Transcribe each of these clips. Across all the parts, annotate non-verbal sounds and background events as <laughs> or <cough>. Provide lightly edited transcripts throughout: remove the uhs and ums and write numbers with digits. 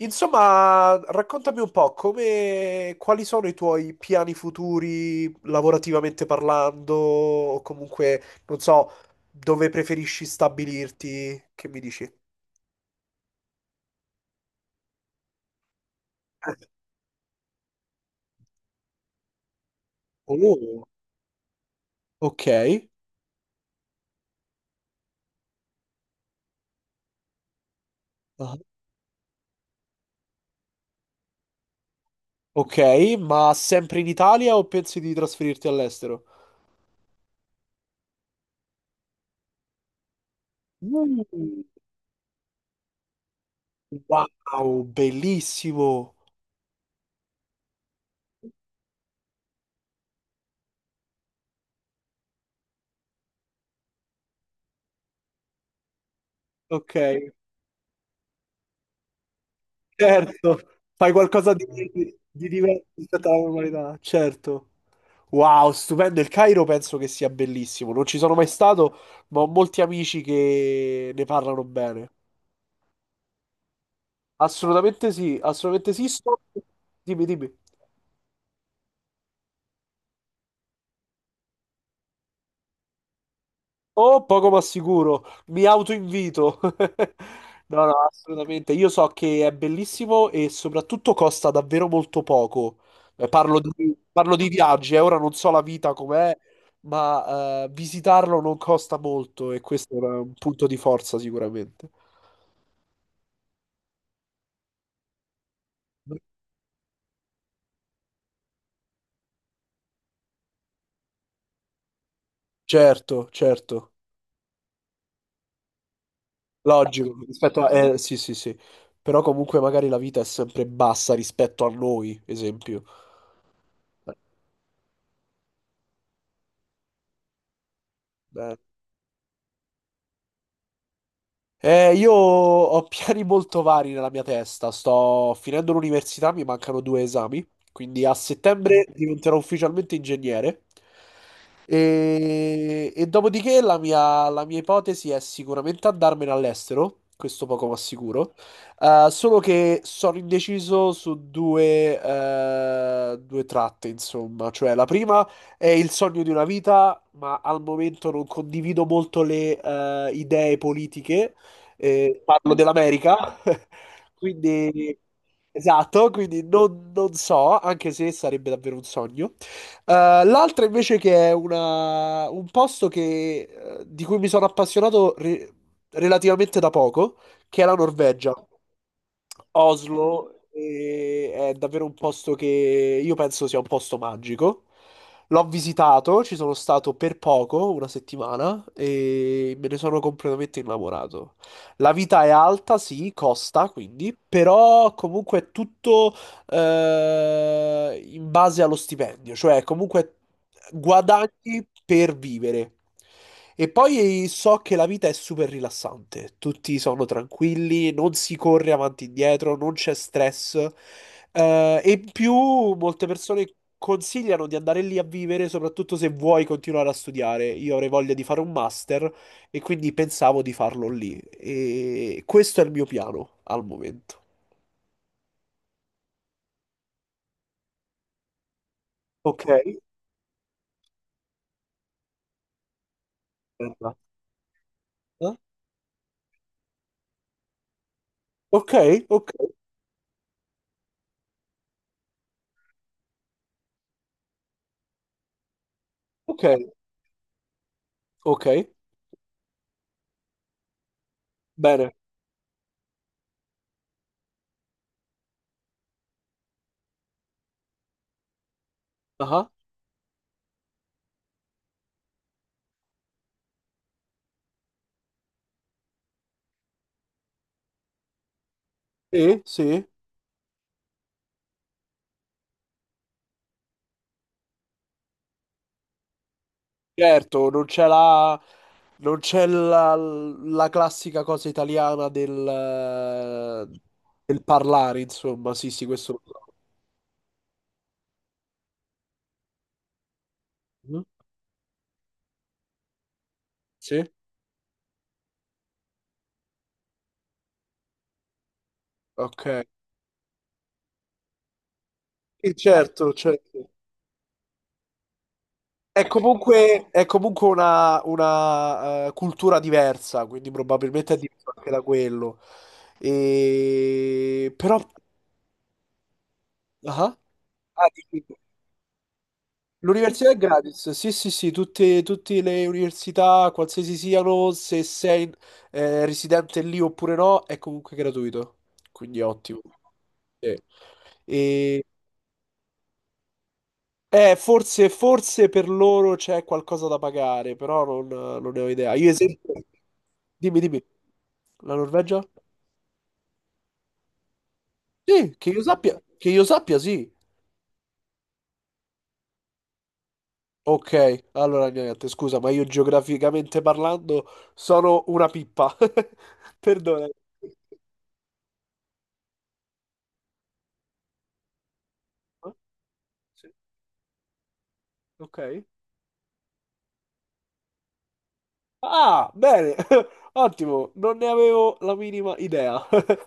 Insomma, raccontami un po' come, quali sono i tuoi piani futuri lavorativamente parlando, o comunque, non so, dove preferisci stabilirti, che mi dici? Oh, ok. Ah, ok, ma sempre in Italia o pensi di trasferirti all'estero? Uh, wow, bellissimo. Ok, certo. Fai qualcosa di diverso rispetto alla normalità, certo. Wow, stupendo. Il Cairo penso che sia bellissimo. Non ci sono mai stato, ma ho molti amici che ne parlano bene. Assolutamente sì, assolutamente sì. Dimmi, dimmi. Oh, poco ma sicuro. Mi autoinvito. <laughs> No, no, assolutamente. Io so che è bellissimo e soprattutto costa davvero molto poco. Parlo di viaggi, ora non so la vita com'è, ma visitarlo non costa molto e questo è un punto di forza sicuramente. Certo, certo, logico, capito? Sì, sì, sì, però comunque magari la vita è sempre bassa rispetto a noi, esempio. Eh, io ho <laughs> piani molto vari nella mia testa. Sto finendo l'università, mi mancano due esami, quindi a settembre diventerò ufficialmente ingegnere. E dopodiché la mia ipotesi è sicuramente andarmene all'estero, questo poco ma sicuro. Solo che sono indeciso su due tratte, insomma. Cioè, la prima è il sogno di una vita, ma al momento non condivido molto le idee politiche, parlo dell'America. <laughs> Quindi esatto, quindi non so, anche se sarebbe davvero un sogno. L'altra invece che è un posto di cui mi sono appassionato relativamente da poco, che è la Norvegia. Oslo è davvero un posto che io penso sia un posto magico. L'ho visitato, ci sono stato per poco, una settimana, e me ne sono completamente innamorato. La vita è alta, sì, costa, quindi, però comunque è tutto in base allo stipendio, cioè comunque guadagni per vivere. E poi so che la vita è super rilassante, tutti sono tranquilli, non si corre avanti e indietro, non c'è stress. E in più molte persone consigliano di andare lì a vivere, soprattutto se vuoi continuare a studiare. Io avrei voglia di fare un master, e quindi pensavo di farlo lì. E questo è il mio piano al momento. Ok, aspetta. Eh? Ok, ok, ok, ok, bene. Ah, sì, sì. Certo, non c'è la classica cosa italiana eh, del parlare, insomma. Sì, sì, questo lo so. Mhm. Sì, ok. Sì, certo, certo. È comunque una cultura diversa, quindi probabilmente è diverso anche da quello. E. Però. Ah, ah, dici tu. L'università è gratis, sì, sì, sì, tutte le università, qualsiasi siano, se sei residente lì oppure no, è comunque gratuito, quindi è ottimo. Sì. E. Forse, forse per loro c'è qualcosa da pagare, però non ne ho idea. Io esempio. Dimmi, dimmi. La Norvegia? Sì, che io sappia, sì. Ok, allora niente, scusa, ma io geograficamente parlando sono una pippa. <laughs> Perdona. Eh? Sì, ok. Ah, bene, <laughs> ottimo, non ne avevo la minima idea. <laughs>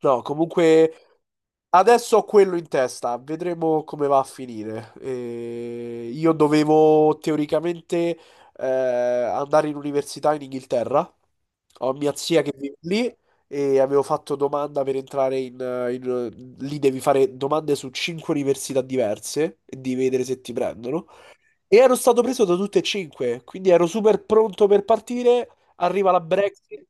No, comunque, adesso ho quello in testa, vedremo come va a finire. Io dovevo teoricamente andare in università in Inghilterra. Ho mia zia che vive lì e avevo fatto domanda per entrare lì devi fare domande su cinque università diverse e devi vedere se ti prendono. E ero stato preso da tutte e cinque, quindi ero super pronto per partire. Arriva la Brexit,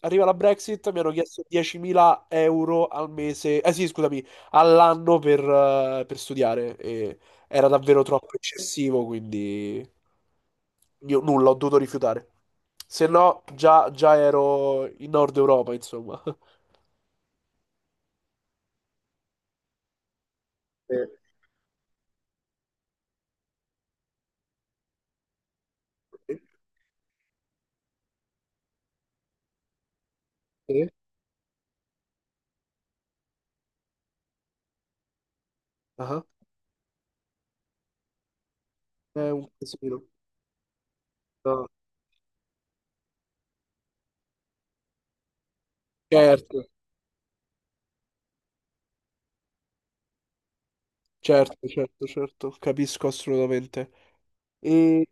arriva la Brexit, mi hanno chiesto 10.000 euro al mese, eh sì, scusami, all'anno per studiare. E era davvero troppo eccessivo, quindi io nulla, ho dovuto rifiutare. Se no, già, già ero in Nord Europa, insomma. <laughs> Eh, eh, eh, ah, È un casino. No, certo, certo, certo, certo, capisco assolutamente. E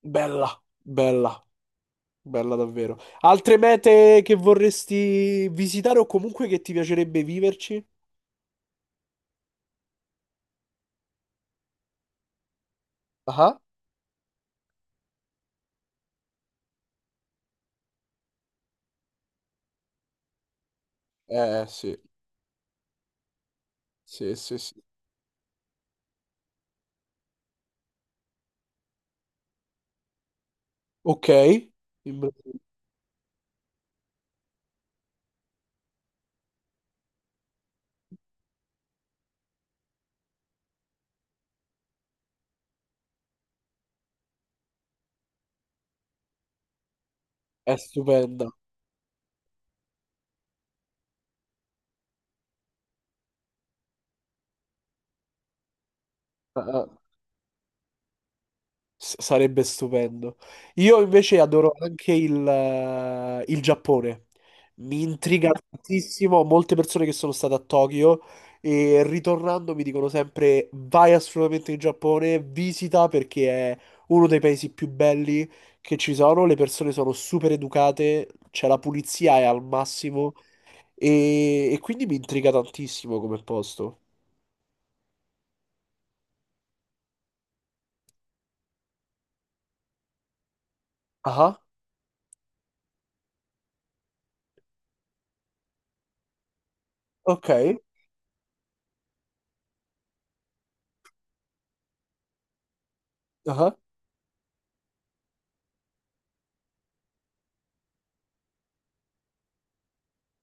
bella, bella, bella davvero. Altre mete che vorresti visitare o comunque che ti piacerebbe viverci? Ah, eh sì, sì, sì, sì. Ok, In Bra- è stupenda. Ah, ah. Sarebbe stupendo. Io invece adoro anche il Giappone. Mi intriga tantissimo. Molte persone che sono state a Tokyo e ritornando mi dicono sempre: vai assolutamente in Giappone, visita perché è uno dei paesi più belli che ci sono. Le persone sono super educate, c'è la pulizia è al massimo e quindi mi intriga tantissimo come posto. Ah, ok.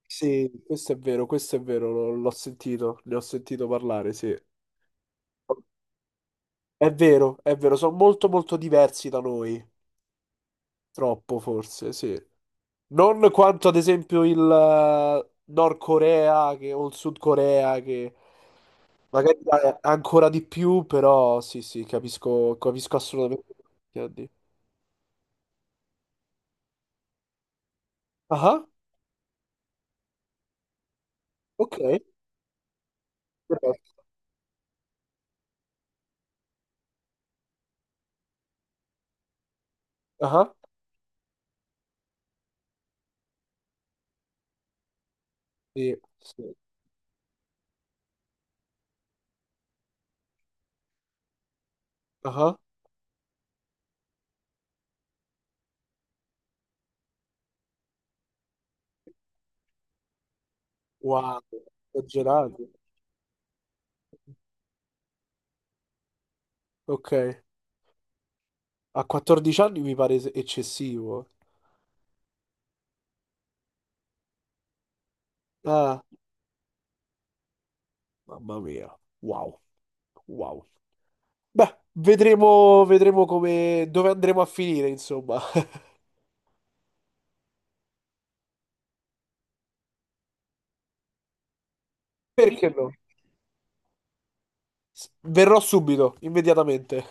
Sì, questo è vero, l'ho sentito, ne ho sentito parlare, sì. È vero, sono molto molto diversi da noi, troppo forse, sì. Non quanto ad esempio il Nord Corea o il Sud Corea che magari è ancora di più, però sì, sì, capisco, capisco assolutamente quello che intendi. Ah, ok, perfetto. Ah, sì, sì. Ah, wow, esagerato. Ok. A 14 anni mi pare eccessivo. Ah, mamma mia. Wow. Wow. Beh, vedremo, vedremo come, dove andremo a finire, insomma. <laughs> Perché no? Verrò subito, immediatamente.